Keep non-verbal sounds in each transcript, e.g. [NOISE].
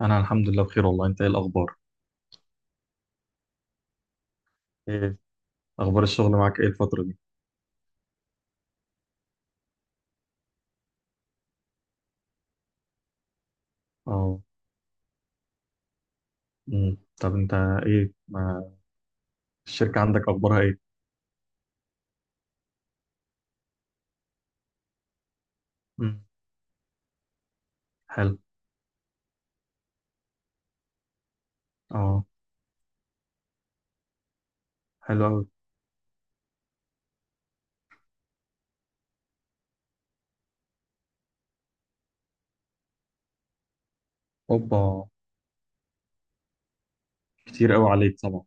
انا الحمد لله بخير والله. انت ايه الاخبار؟ ايه اخبار الشغل معاك ايه الفتره دي؟ اه. طب انت ايه ما الشركه عندك اخبارها ايه؟ امم. حلو. اه. حلو قوي. اوبا، كتير قوي عليك طبعا.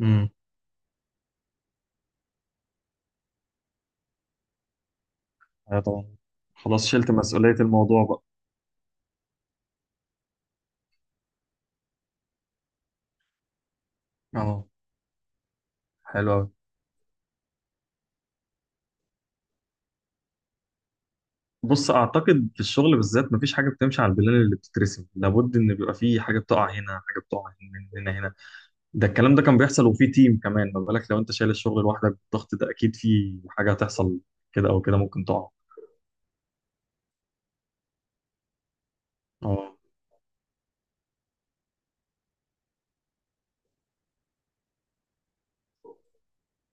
امم. ايوه طبعا. خلاص، شلت مسؤوليه الموضوع بقى. اه. حلو قوي. بص، اعتقد في الشغل بالذات مفيش حاجه بتمشي على البلان اللي بتترسم، لابد ان بيبقى في حاجه بتقع هنا، حاجه بتقع هنا هنا هنا. ده الكلام ده كان بيحصل وفي تيم كمان، ما بالك لو انت شايل الشغل لوحدك بالضغط ده، اكيد في حاجه هتحصل كده او كده، ممكن تقع. اه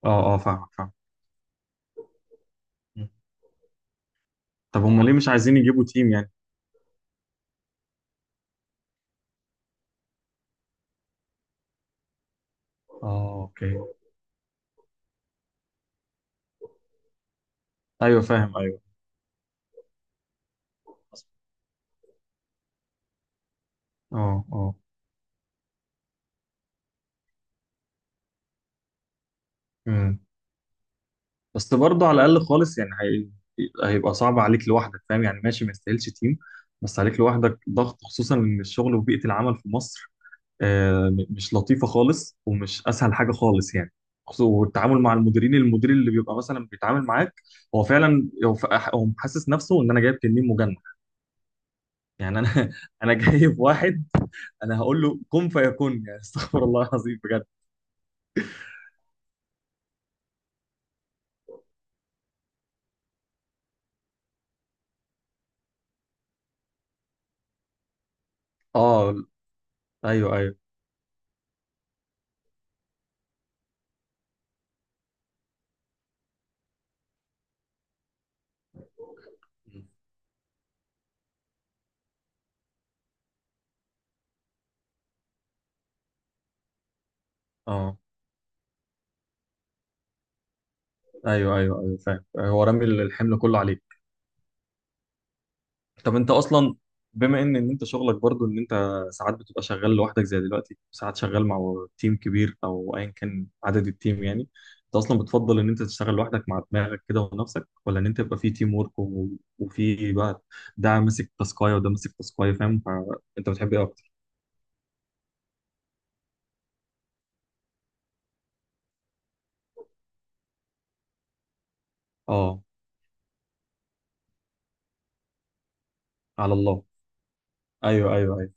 اه اه، فاهمك فاهم. طب هم ليه مش عايزين يجيبوا تيم يعني؟ اه اوكي. ايوه فاهم. ايوه. اه اه. امم. بس برضه على الاقل خالص، يعني هيبقى صعب عليك لوحدك فاهم يعني، ماشي ما يستاهلش تيم، بس عليك لوحدك ضغط، خصوصا ان الشغل وبيئه العمل في مصر مش لطيفه خالص ومش اسهل حاجه خالص يعني. والتعامل مع المديرين، المدير اللي بيبقى مثلا بيتعامل معاك هو فعلا هو ف- هو حاسس نفسه ان انا جايب تنين مجنح. يعني انا [LAUGHS] انا جايب واحد، انا هقول له كن فيكون [LAUGHS] يعني. استغفر الله العظيم بجد. اه ايوه ايوه. اه ايوه ايوه ايوه فاهم، هو رامي الحمل كله عليك. طب انت اصلا، بما ان انت شغلك برضو ان انت ساعات بتبقى شغال لوحدك زي دلوقتي، ساعات شغال مع تيم كبير او ايا كان عدد التيم يعني، انت اصلا بتفضل ان انت تشتغل لوحدك مع دماغك كده ونفسك، ولا ان انت يبقى في تيم ورك وفي بقى ده ماسك تاسكايه وده ماسك تاسكايه فاهم؟ فانت بتحب ايه اكتر؟ اه على الله. ايوه ايوه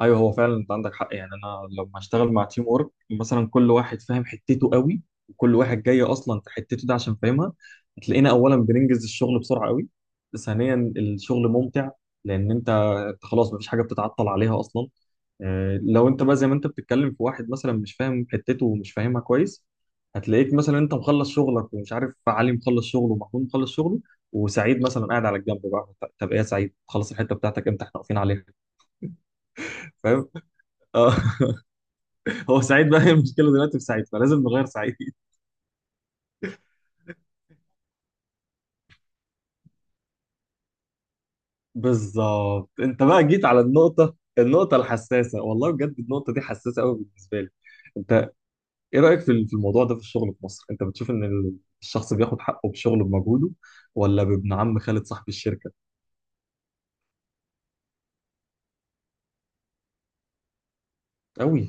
ايوه. هو فعلا انت عندك حق، يعني انا لما اشتغل مع تيم ورك مثلا كل واحد فاهم حتته قوي، وكل واحد جاي اصلا في حتته ده عشان فاهمها، هتلاقينا اولا بننجز الشغل بسرعه قوي، ثانيا الشغل ممتع، لان أنت خلاص مفيش حاجه بتتعطل عليها اصلا. لو انت بقى زي ما انت بتتكلم في واحد مثلا مش فاهم حتته ومش فاهمها كويس، هتلاقيك مثلا انت مخلص شغلك، ومش عارف علي مخلص شغله، ومحمود مخلص شغله، وسعيد مثلا قاعد على الجنب بقى. طب ايه يا سعيد، خلص الحته بتاعتك امتى، احنا واقفين عليها. فاهم؟ اه [LAUGHS] هو سعيد بقى، هي المشكله دلوقتي في سعيد، فلازم نغير سعيد. بالظبط، انت بقى جيت على النقطه الحساسه. والله بجد النقطه دي حساسه قوي بالنسبه لي. انت ايه رايك في في الموضوع ده؟ في الشغل في مصر انت بتشوف ان الشخص بياخد حقه بشغله بمجهوده، ولا بابن عم خالد صاحب الشركه؟ قوي.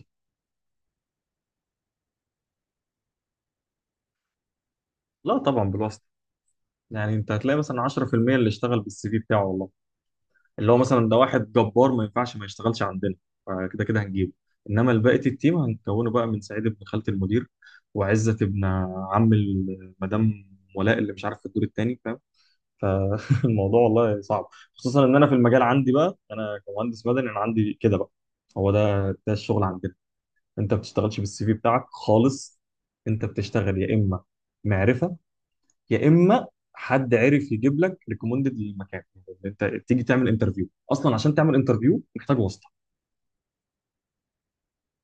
لا طبعا بالواسطه. يعني انت هتلاقي مثلا 10% اللي اشتغل بالسي في بتاعه والله، اللي هو مثلا ده واحد جبار ما ينفعش ما يشتغلش عندنا، فكده كده هنجيبه، انما بقيه التيم هنكونه بقى من سعيد ابن خالة المدير، وعزت ابن عم مدام ولاء اللي مش عارف في الدور التاني فاهم. فالموضوع [LAUGHS] والله صعب، خصوصا ان انا في المجال عندي بقى، انا كمهندس مدني انا عندي كده بقى. هو ده الشغل عندنا، انت ما بتشتغلش بالسي في بتاعك خالص. انت بتشتغل يا اما معرفه، يا اما حد عرف يجيب لك ريكومندد للمكان، يعني انت تيجي تعمل انترفيو اصلا عشان تعمل انترفيو محتاج واسطه.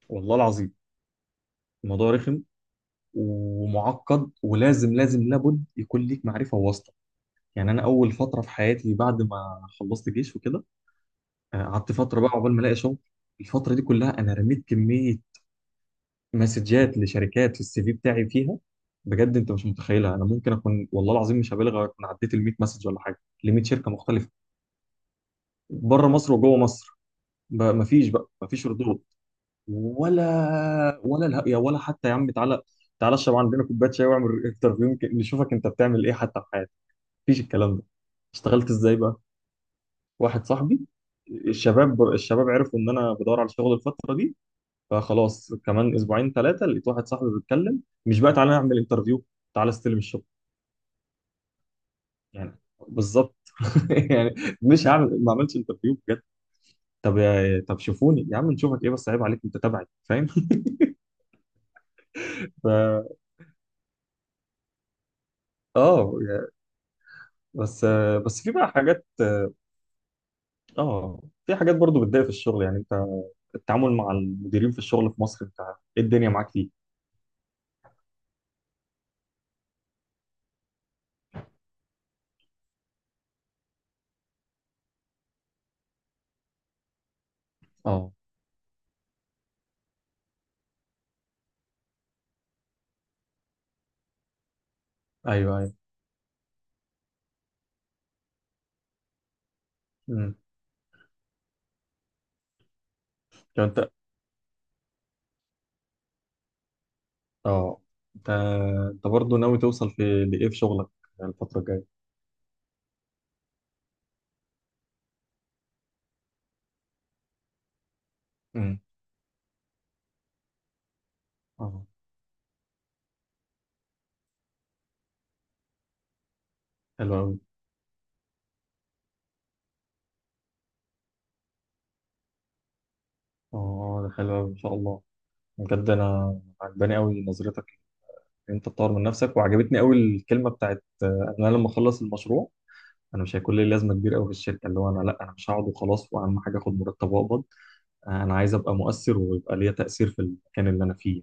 والله العظيم الموضوع رخم ومعقد، ولازم لازم لابد يكون ليك معرفه وواسطه. يعني انا اول فتره في حياتي بعد ما خلصت جيش وكده، قعدت فتره بقى عقبال ما الاقي شغل. الفتره دي كلها انا رميت كميه مسجات لشركات في السي في بتاعي فيها. بجد انت مش متخيلها، انا ممكن اكون والله العظيم مش هبالغ اكون عديت ال 100 مسج ولا حاجه، ل 100 شركه مختلفه، بره مصر وجوه مصر. ما مفيش بقى، مفيش ردود. ولا الهق يا ولا، حتى يا عم تعالى تعالى اشرب عندنا كوبايه شاي واعمل انترفيو، يمكن نشوفك انت بتعمل ايه حتى في حياتك. مفيش الكلام ده. اشتغلت ازاي بقى؟ واحد صاحبي، الشباب عرفوا ان انا بدور على شغل الفتره دي، فخلاص كمان اسبوعين ثلاثه لقيت واحد صاحبي بيتكلم، مش بقى تعالى نعمل انترفيو، تعالى استلم الشغل. يعني بالظبط [LAUGHS] يعني، مش هعمل، ما عملتش انترفيو بجد. طب طب شوفوني يا عم، نشوفك ايه بس، عيب عليك انت تبعي فاهم. [LAUGHS] ف- اه بس. في بقى حاجات، اه في حاجات برضو بتضايق في الشغل. يعني انت التعامل مع المديرين في الشغل في مصر، انت ايه الدنيا معاك فيه؟ اه ايوه ايوه. امم لو انت اه انت انت برضو ناوي توصل في لايه في شغلك الفترة الجاية؟ امم. اه حلو قوي. اه ده حلو قوي ان شاء الله. بجد انا عجباني قوي نظرتك، ان انت تطور من نفسك. وعجبتني قوي الكلمه بتاعت انا لما اخلص المشروع انا مش هيكون لي لازمه كبيره قوي في الشركه، اللي هو انا مش هقعد وخلاص واهم حاجه اخد مرتب واقبض، انا عايز ابقى مؤثر ويبقى ليا تأثير في المكان اللي انا فيه.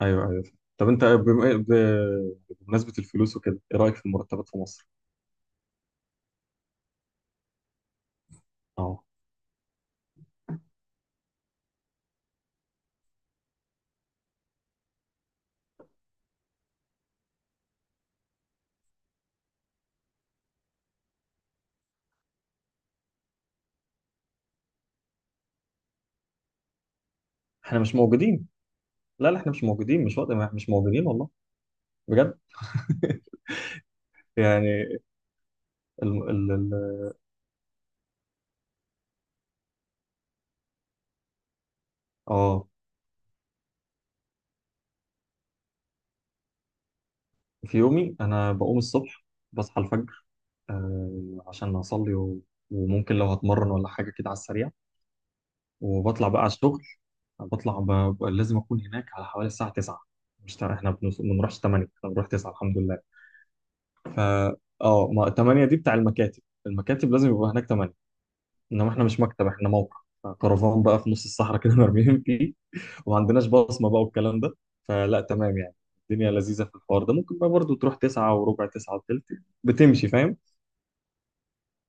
فايوه ايوه. طب انت بمناسبة الفلوس وكده، ايه رأيك في المرتبات في مصر؟ اه. احنا مش موجودين، لا لا احنا مش موجودين، مش وقت، مش موجودين والله. بجد [LAUGHS] يعني ال ال ال اه في يومي انا بقوم الصبح، بصحى الفجر آه عشان اصلي وممكن لو هتمرن ولا حاجة كده على السريع، وبطلع بقى على الشغل. بطلع لازم اكون هناك على حوالي الساعه 9. مش تع- احنا بنوص- ما بنروحش 8، احنا بنروح 9 الحمد لله. ف اه ما 8 دي بتاع المكاتب، المكاتب لازم يبقى هناك 8، انما احنا مش مكتب، احنا موقع. كرفان بقى في نص الصحراء كده [LAUGHS] مرميين فيه، وما عندناش بصمه بقى والكلام ده، فلا تمام يعني. الدنيا لذيذه في الحوار ده، ممكن بقى برضه تروح 9 وربع، 9 وثلث، بتمشي فاهم.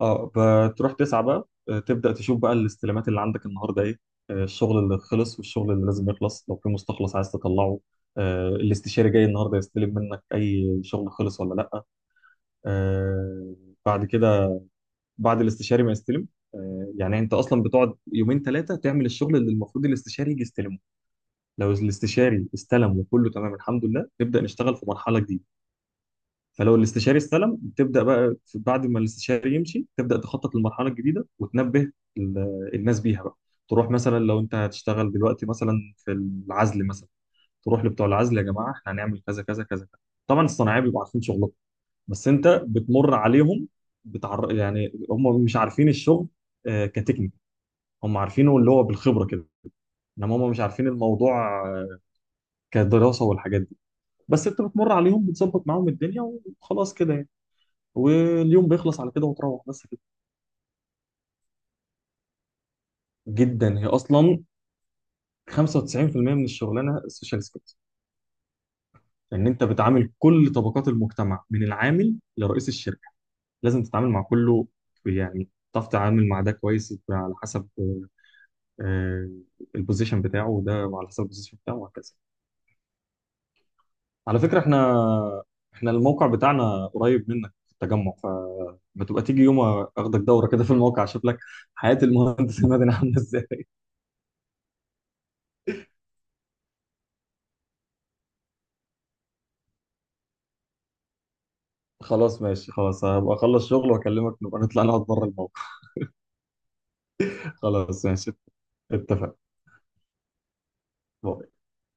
اه بتروح تسعى بقى، تبدأ تشوف بقى الاستلامات اللي عندك النهارده ايه، الشغل اللي خلص والشغل اللي لازم يخلص، لو في مستخلص عايز تطلعه، الاستشاري جاي النهارده يستلم منك اي شغل خلص ولا لا. آه، بعد كده بعد الاستشاري ما يستلم، يعني انت اصلا بتقعد يومين ثلاثه تعمل الشغل اللي المفروض الاستشاري يجي يستلمه. لو الاستشاري استلم وكله تمام الحمد لله نبدأ نشتغل في مرحلة جديدة. فلو الاستشاري استلم تبدا بقى بعد ما الاستشاري يمشي تبدا تخطط للمرحله الجديده، وتنبه الناس بيها بقى. تروح مثلا لو انت هتشتغل دلوقتي مثلا في العزل مثلا، تروح لبتوع العزل، يا جماعه احنا هنعمل كذا كذا كذا كذا. طبعا الصناعيه بيبقوا عارفين شغلهم، بس انت بتمر عليهم يعني هم مش عارفين الشغل آه كتكنيك، هم عارفينه اللي هو بالخبره كده، انما هم مش عارفين الموضوع آه كدراسه والحاجات دي. بس انت بتمر عليهم بتظبط معاهم الدنيا وخلاص كده يعني. واليوم بيخلص على كده وتروح، بس كده. جدا، هي اصلا 95% من الشغلانه السوشيال سكيلز، لان انت بتعامل كل طبقات المجتمع من العامل لرئيس الشركه، لازم تتعامل مع كله. يعني تعرف تتعامل مع ده كويس على حسب آه البوزيشن بتاعه، وده وعلى حسب البوزيشن بتاعه وهكذا. على فكره احنا الموقع بتاعنا قريب منك في التجمع، فما تبقى تيجي يوم اخدك دوره كده في الموقع، اشوف لك حياه المهندس [LAUGHS] المدني عامله ازاي. خلاص ماشي، خلاص هبقى اخلص شغل واكلمك، نبقى نطلع نقعد بره الموقع. [LAUGHS] خلاص ماشي، اتفق. باي.